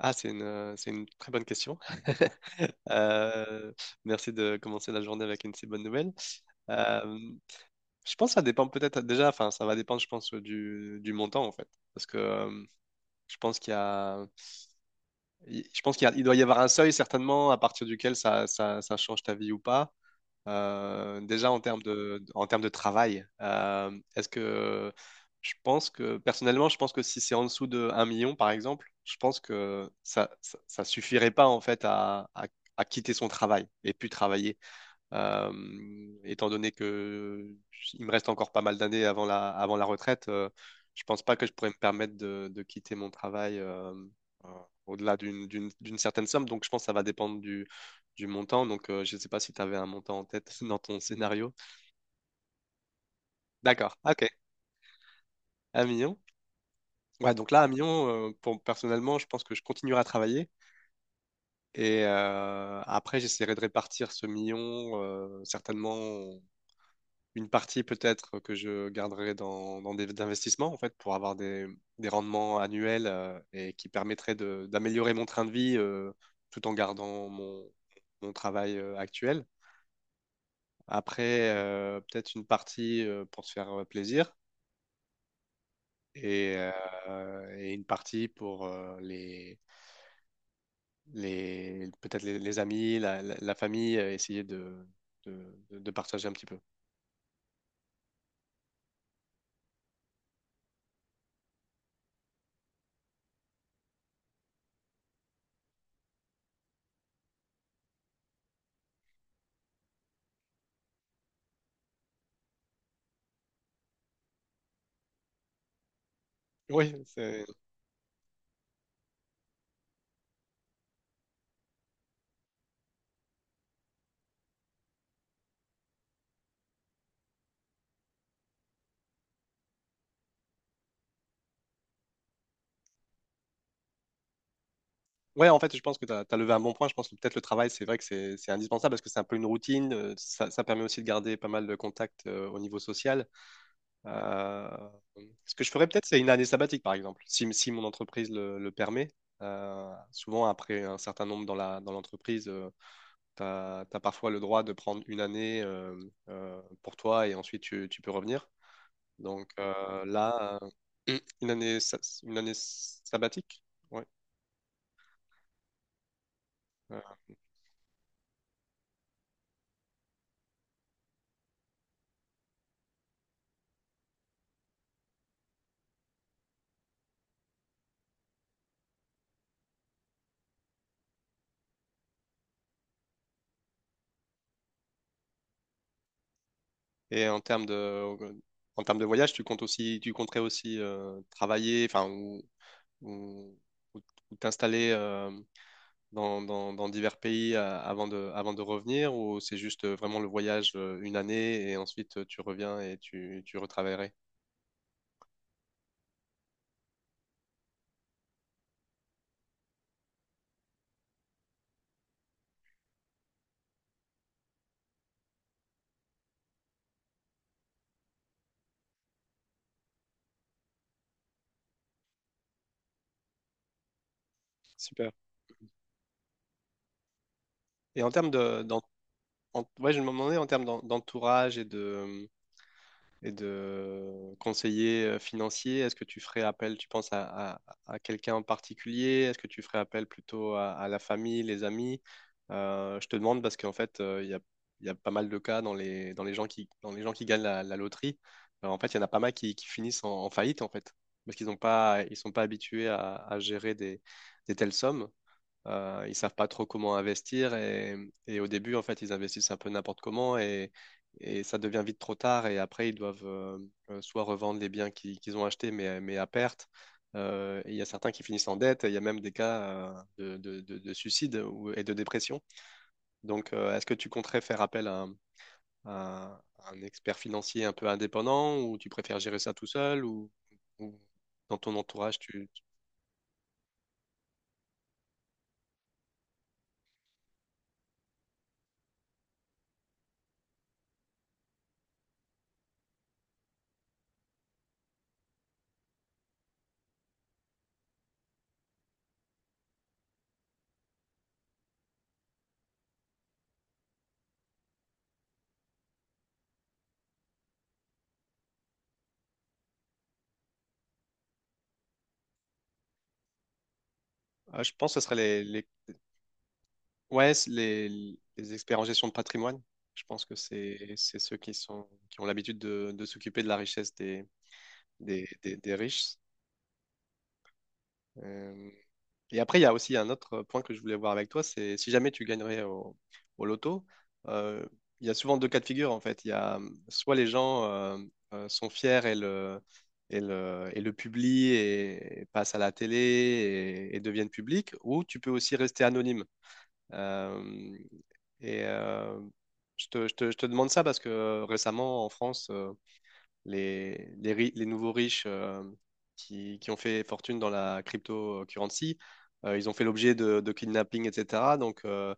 Ah, c'est une très bonne question. Euh, Merci de commencer la journée avec une si bonne nouvelle. Euh, je pense que ça dépend peut-être déjà, enfin, ça va dépendre, je pense, du montant en fait. Parce que je pense qu'il y a il doit y avoir un seuil certainement à partir duquel ça change ta vie ou pas. Déjà en termes de travail, est-ce que je pense que personnellement, je pense que si c'est en dessous de 1 million par exemple, je pense que ça suffirait pas en fait à quitter son travail et puis travailler. Étant donné que il me reste encore pas mal d'années avant la retraite. Je pense pas que je pourrais me permettre de quitter mon travail euh, au-delà d'une certaine somme. Donc, je pense que ça va dépendre du montant. Donc, je ne sais pas si tu avais un montant en tête dans ton scénario. D'accord, ok. 1 million. Ouais, donc là, 1 million, personnellement, je pense que je continuerai à travailler. Et après, j'essaierai de répartir ce million, certainement une partie peut-être que je garderai dans des investissements en fait pour avoir des rendements annuels et qui permettraient d'améliorer mon train de vie tout en gardant mon travail actuel. Après, peut-être une partie pour se faire plaisir et, et une partie pour les peut-être les amis, la famille, essayer de partager un petit peu. Oui. Ouais, en fait, je pense que tu as levé un bon point. Je pense que peut-être le travail, c'est vrai que c'est indispensable parce que c'est un peu une routine. Ça permet aussi de garder pas mal de contacts au niveau social. Euh, Ce que je ferais peut-être, c'est une année sabbatique, par exemple, si mon entreprise le permet. Souvent, après un certain nombre dans l'entreprise, tu as parfois le droit de prendre une année pour toi et ensuite tu peux revenir. Donc là, euh, une année, sa- une année sabbatique. Ouais. Et en termes de voyage, tu compterais aussi, travailler, enfin, ou, ou t'installer dans divers pays avant de revenir, ou c'est juste vraiment le voyage une année et ensuite tu reviens et tu retravaillerais. Super. Et en termes de, d'en- en- Ouais, je me demandais en termes d'entourage et de conseiller financier. Est-ce que tu ferais appel, tu penses, à, à- à quelqu'un en particulier? Est-ce que tu ferais appel plutôt à la famille, les amis? Je te demande parce qu'en fait, il y a pas mal de cas dans les gens qui gagnent la loterie. En fait, il y en a pas mal qui finissent en faillite, en fait, parce qu'ils sont pas habitués à gérer des telles sommes. Ils savent pas trop comment investir et au début, en fait, ils investissent un peu n'importe comment et ça devient vite trop tard et après, ils doivent soit revendre les biens qu'ils ont achetés, mais à perte. Et il y a certains qui finissent en dette et il y a même des cas de suicide et de dépression. Donc, est-ce que tu compterais faire appel à un expert financier un peu indépendant, ou tu préfères gérer ça tout seul, ou dans ton entourage, tu... Ah, je pense que ce serait les ouais, c'est les experts en gestion de patrimoine. Je pense que c'est ceux qui ont l'habitude de s'occuper de la richesse des riches. Euh, et après, il y a aussi un autre point que je voulais voir avec toi: c'est si jamais tu gagnerais au loto, euh, il y a souvent deux cas de figure en fait. Il y a soit les gens sont fiers le publient, et passent à la télé, et deviennent publics, ou tu peux aussi rester anonyme. Euh, et euh, je te demande ça parce que récemment, en France, les nouveaux riches qui ont fait fortune dans la cryptocurrency, ils ont fait l'objet de kidnapping, etc. Donc,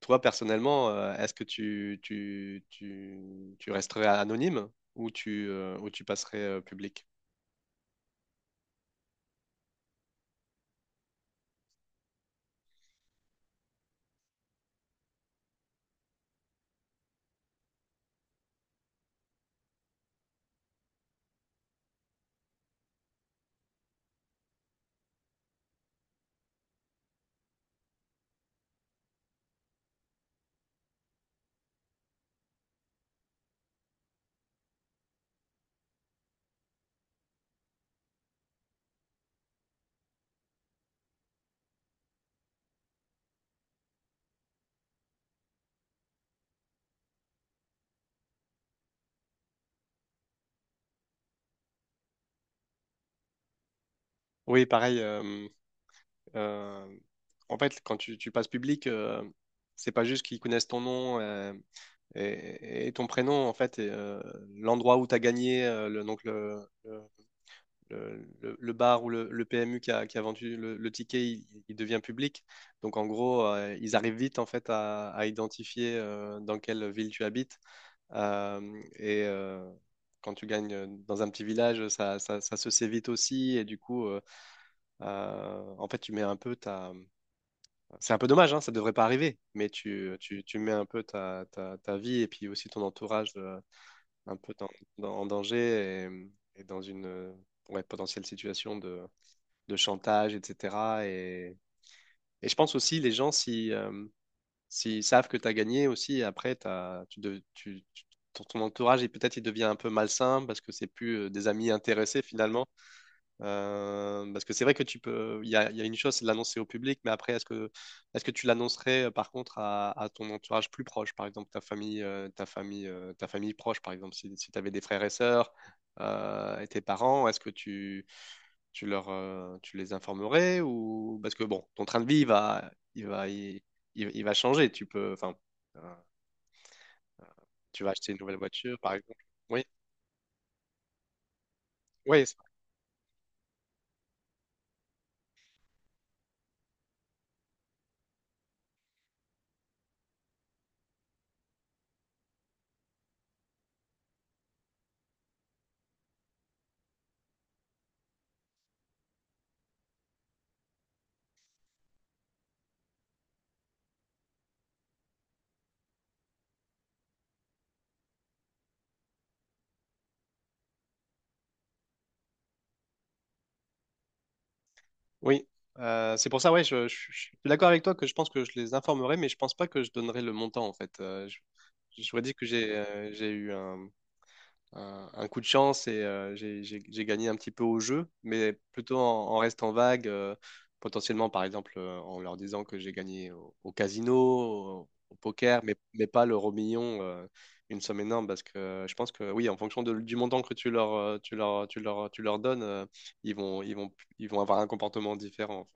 toi, personnellement, est-ce que tu resterais anonyme ou tu passerais public? Oui, pareil. Euh, En fait, quand tu passes public, c'est pas juste qu'ils connaissent ton nom et ton prénom, en fait, l'endroit où tu as gagné, donc le bar ou le PMU qui a vendu le ticket, il devient public. Donc en gros, ils arrivent vite en fait à identifier dans quelle ville tu habites. Euh, et euh, Quand tu gagnes dans un petit village, ça se sait vite aussi. Et du coup, en fait, tu mets un peu ta c'est un peu dommage, hein, ça devrait pas arriver, mais tu mets un peu ta vie et puis aussi ton entourage un peu en danger et dans une ouais, potentielle situation de chantage, etc. Et, et je pense aussi, les gens, si, s'ils savent que tu as gagné aussi, après, t'as, tu, de- tu- tu- ton, ton entourage, peut-être il devient un peu malsain parce que c'est plus des amis intéressés finalement. Parce que c'est vrai que tu peux. Il y a une chose, c'est de l'annoncer au public, mais après, est-ce que tu l'annoncerais par contre à ton entourage plus proche, par exemple ta famille, ta famille proche. Par exemple, si tu avais des frères et sœurs et tes parents, est-ce que tu les informerais? Ou parce que bon, ton train de vie il va, il, il va changer. Tu peux, enfin, euh, tu vas acheter une nouvelle voiture, par exemple. Oui, oui, oui. C'est pour ça, ouais, je suis d'accord avec toi que je pense que je les informerai, mais je pense pas que je donnerai le montant en fait. Je dit que j'ai j'ai eu un coup de chance et j'ai gagné un petit peu au jeu, mais plutôt en restant vague, potentiellement par exemple en leur disant que j'ai gagné au casino, au poker, mais pas l'euro million, une somme énorme, parce que je pense que oui, en fonction du montant que tu leur, tu leur, tu leur, tu leur donnes, ils vont, ils vont, ils vont avoir un comportement différent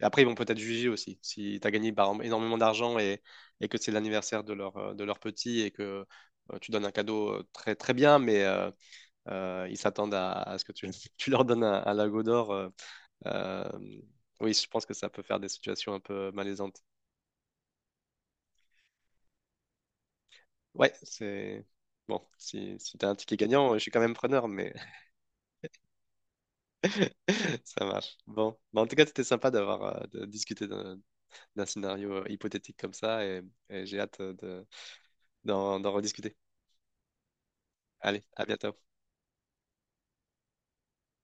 et après, ils vont peut-être juger aussi. Si tu as gagné par exemple énormément d'argent et que c'est l'anniversaire de leur petit et que tu donnes un cadeau très, très bien, mais ils s'attendent à ce que tu tu leur donnes un lago d'or. Euh, oui, je pense que ça peut faire des situations un peu malaisantes. Ouais, c'est. Bon, si tu as un ticket gagnant, je suis quand même preneur, mais ça marche. Bon, bah, en tout cas, c'était sympa d'avoir de discuter d'un scénario hypothétique comme ça, et j'ai hâte d'en rediscuter. Allez, à bientôt.